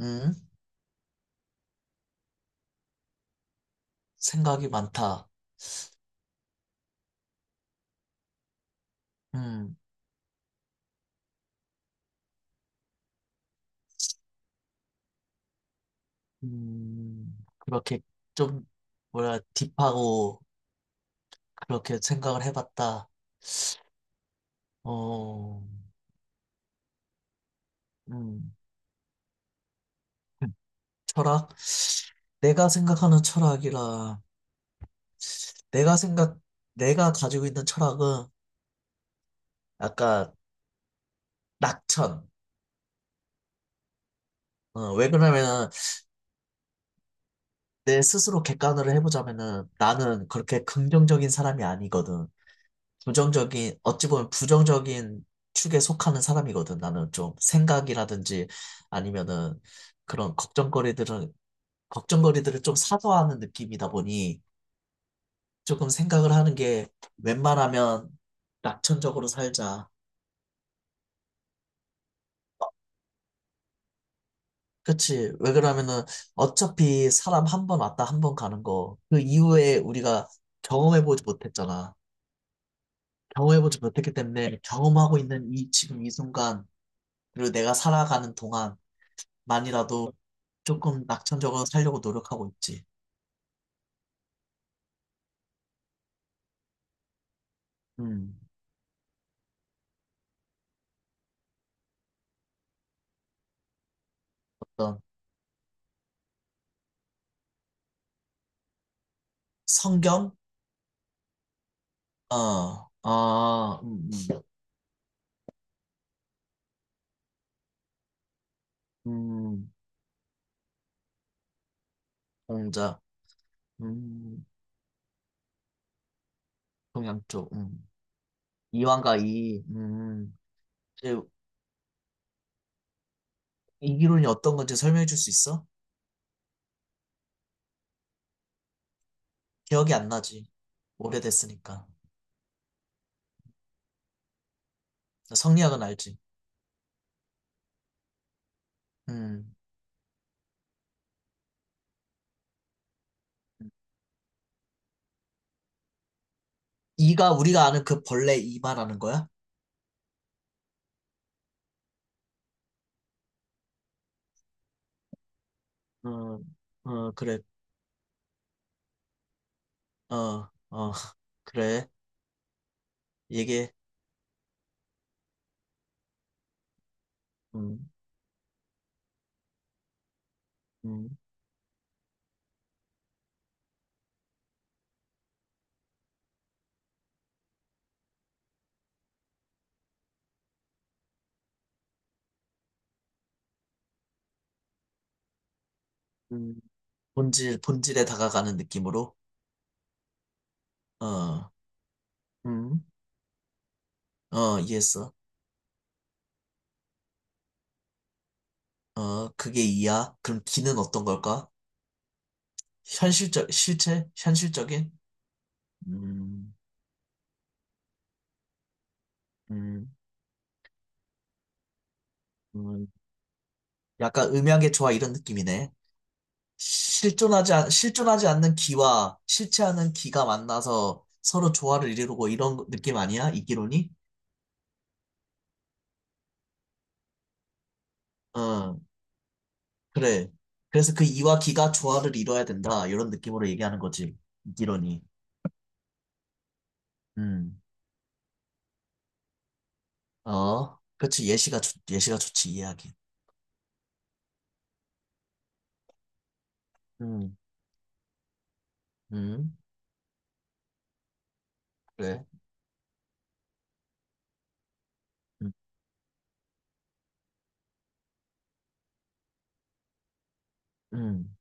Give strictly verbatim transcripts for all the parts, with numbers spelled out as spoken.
음, 생각이 많다. 음, 음, 그렇게 좀, 뭐라, 딥하고, 그렇게 생각을 해봤다. 어, 음, 음, 철학? 내가 생각하는 철학이라, 내가 생각, 내가 가지고 있는 철학은 약간 낙천. 어, 왜 그러냐면은, 내 스스로 객관을 해보자면은, 나는 그렇게 긍정적인 사람이 아니거든. 부정적인, 어찌 보면 부정적인 축에 속하는 사람이거든. 나는 좀 생각이라든지 아니면은 그런 걱정거리들은, 걱정거리들을 좀 사소하는 느낌이다 보니 조금 생각을 하는 게 웬만하면 낙천적으로 살자. 그치. 왜 그러면은 어차피 사람 한 번 왔다 한 번 가는 거, 그 이후에 우리가 경험해보지 못했잖아. 경험해보지 못했기 때문에 경험하고 있는 이 지금 이 순간, 그리고 내가 살아가는 동안 만이라도 조금 낙천적으로 살려고 노력하고 있지. 음, 어떤 성경? 어, 아, 음, 음, 음, 공자, 음, 동양 쪽, 음, 이완과 이, 음, 이제 이기론이 어떤 건지 설명해 줄 수 있어? 기억이 안 나지. 오래됐으니까. 성리학은 알지. 음, 이가 우리가 아는 그 벌레 이 말하는 거야? 어, 어, 그래, 어, 어, 그래, 얘기해. 음, 음, 음. 본질, 본질에 다가가는 느낌으로, 어, 음. 어, 이해했어. 어, 그게 이야. 그럼 기는 어떤 걸까? 현실적, 실체? 현실적인? 음, 음. 음, 약간 음향의 조화 이런 느낌이네. 실존하지, 않- 실존하지 않는 기와 실체하는 기가 만나서 서로 조화를 이루고 이런 느낌 아니야? 이기론이? 어, 그래. 그래서 그 이와 기가 조화를 이뤄야 된다. 이런 느낌으로 얘기하는 거지. 이기론이. 음. 어, 그렇지. 예시가 좋, 예시가 좋지. 이해하기. 음, 음, 그래. 음, 음,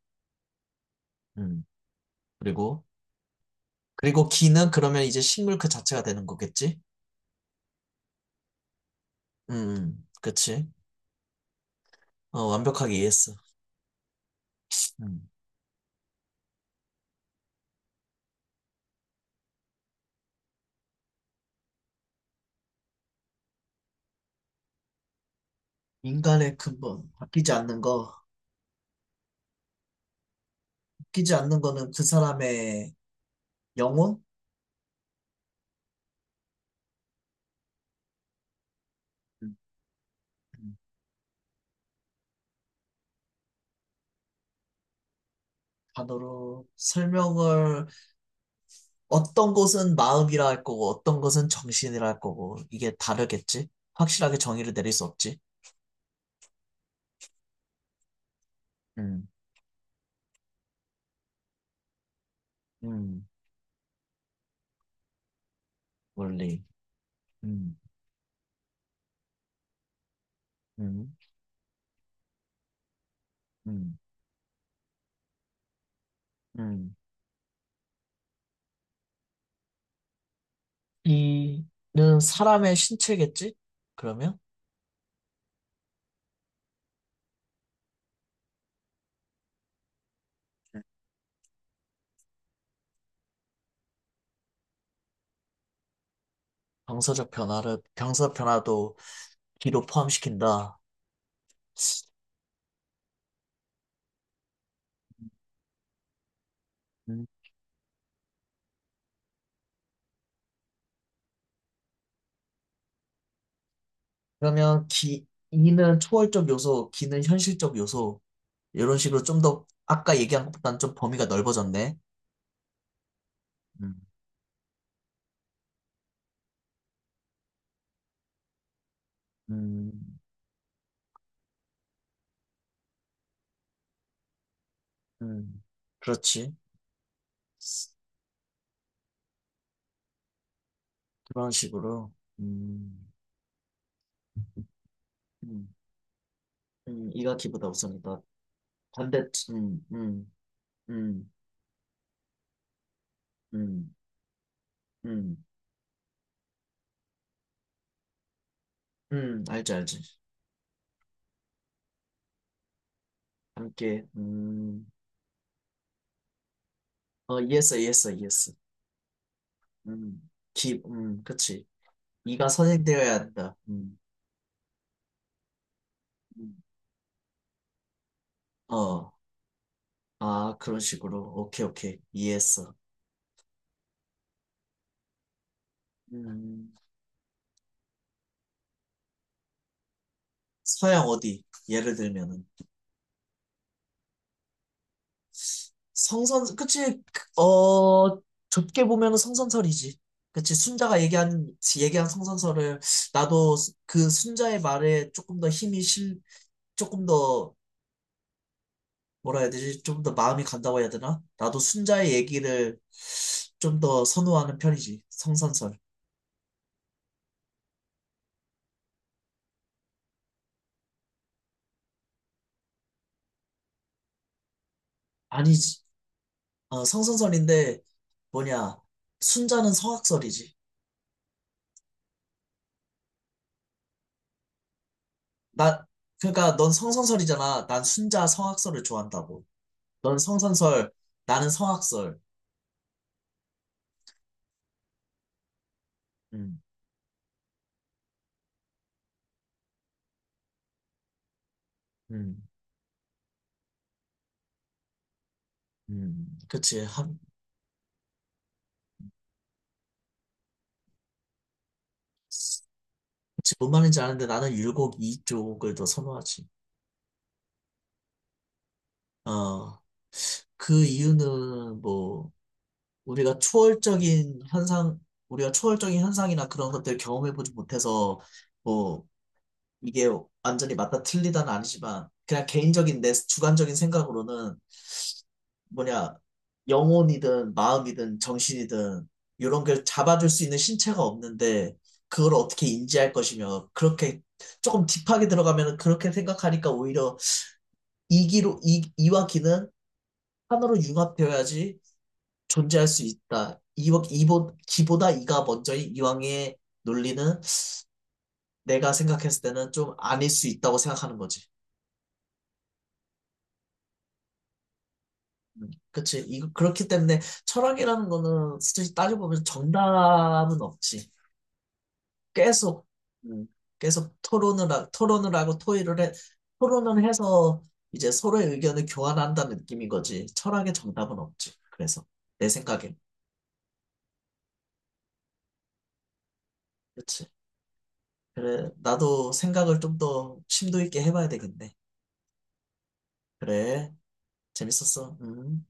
음. 그리고, 그리고 기는 그러면 이제 식물 그 자체가 되는 거겠지? 음, 음, 그치. 어, 완벽하게 이해했어. 음. 인간의 근본, 바뀌지 않는 거. 바뀌지 않는 거는 그 사람의 영혼? 음, 음. 단어로 설명을, 어떤 것은 마음이라 할 거고, 어떤 것은 정신이라 할 거고, 이게 다르겠지? 확실하게 정의를 내릴 수 없지? 음, 음. 원리. 음, 음, 음, 음. 이는 사람의 신체겠지? 그러면 방사적 변화를 방사 변화도 기로 포함시킨다. 음. 그러면 기 이는 초월적 요소, 기는 현실적 요소 이런 식으로 좀 더 아까 얘기한 것보다는 좀 범위가 넓어졌네. 음, 음, 음, 그렇지. 그런 식으로. 음, 음, 음, 이가 기보다 우선이다. 반대, 음, 음, 음, 음, 음. 음, 알지, 알지. 함께, 음, 어, 이해했어, 이해했어, 이해했어. 음, 기, 음, 그치. 이가 선행되어야 한다. 음, 음, 어, 아, 그런 식으로. 오케이, 오케이. 이해했어. 음, 서양 어디? 예를 들면은. 성선, 그치, 그, 어, 좁게 보면은 성선설이지. 그치, 순자가 얘기한, 얘기한 성선설을, 나도 그 순자의 말에 조금 더 힘이 실, 조금 더 뭐라 해야 되지? 좀 더 마음이 간다고 해야 되나? 나도 순자의 얘기를 좀 더 선호하는 편이지. 성선설. 아니지. 어, 성선설인데 뭐냐? 순자는 성악설이지. 나 그러니까 넌 성선설이잖아. 난 순자 성악설을 좋아한다고. 넌 성선설, 나는 성악설. 음, 음, 음. 그치. 한, 그치. 뭔 말인지 아는데 나는 율곡 이쪽을 더 선호하지. 어, 그 이유는 뭐. 우리가 초월적인 현상, 우리가 초월적인 현상이나 그런 것들을 경험해보지 못해서, 뭐, 이게 완전히 맞다 틀리다는 아니지만, 그냥 개인적인 내 주관적인 생각으로는, 뭐냐, 영혼이든 마음이든 정신이든, 이런 걸 잡아줄 수 있는 신체가 없는데, 그걸 어떻게 인지할 것이며, 그렇게 조금 딥하게 들어가면 그렇게 생각하니까 오히려 이기로, 이, 이와 기는 하나로 융합되어야지 존재할 수 있다. 이, 이보, 기보다 이가 먼저인 이왕의 논리는 내가 생각했을 때는 좀 아닐 수 있다고 생각하는 거지. 음, 그치. 이, 그렇기 때문에 철학이라는 거는 솔직히 따져보면 정답은 없지. 계속, 음, 계속 토론을, 하, 토론을 하고 토의를 해, 토론을 해서 이제 서로의 의견을 교환한다는 느낌인 거지. 철학의 정답은 없지. 그래서, 내 생각엔. 그치. 그래, 나도 생각을 좀 더 심도 있게 해봐야 되겠네. 그래. 재밌었어. 음.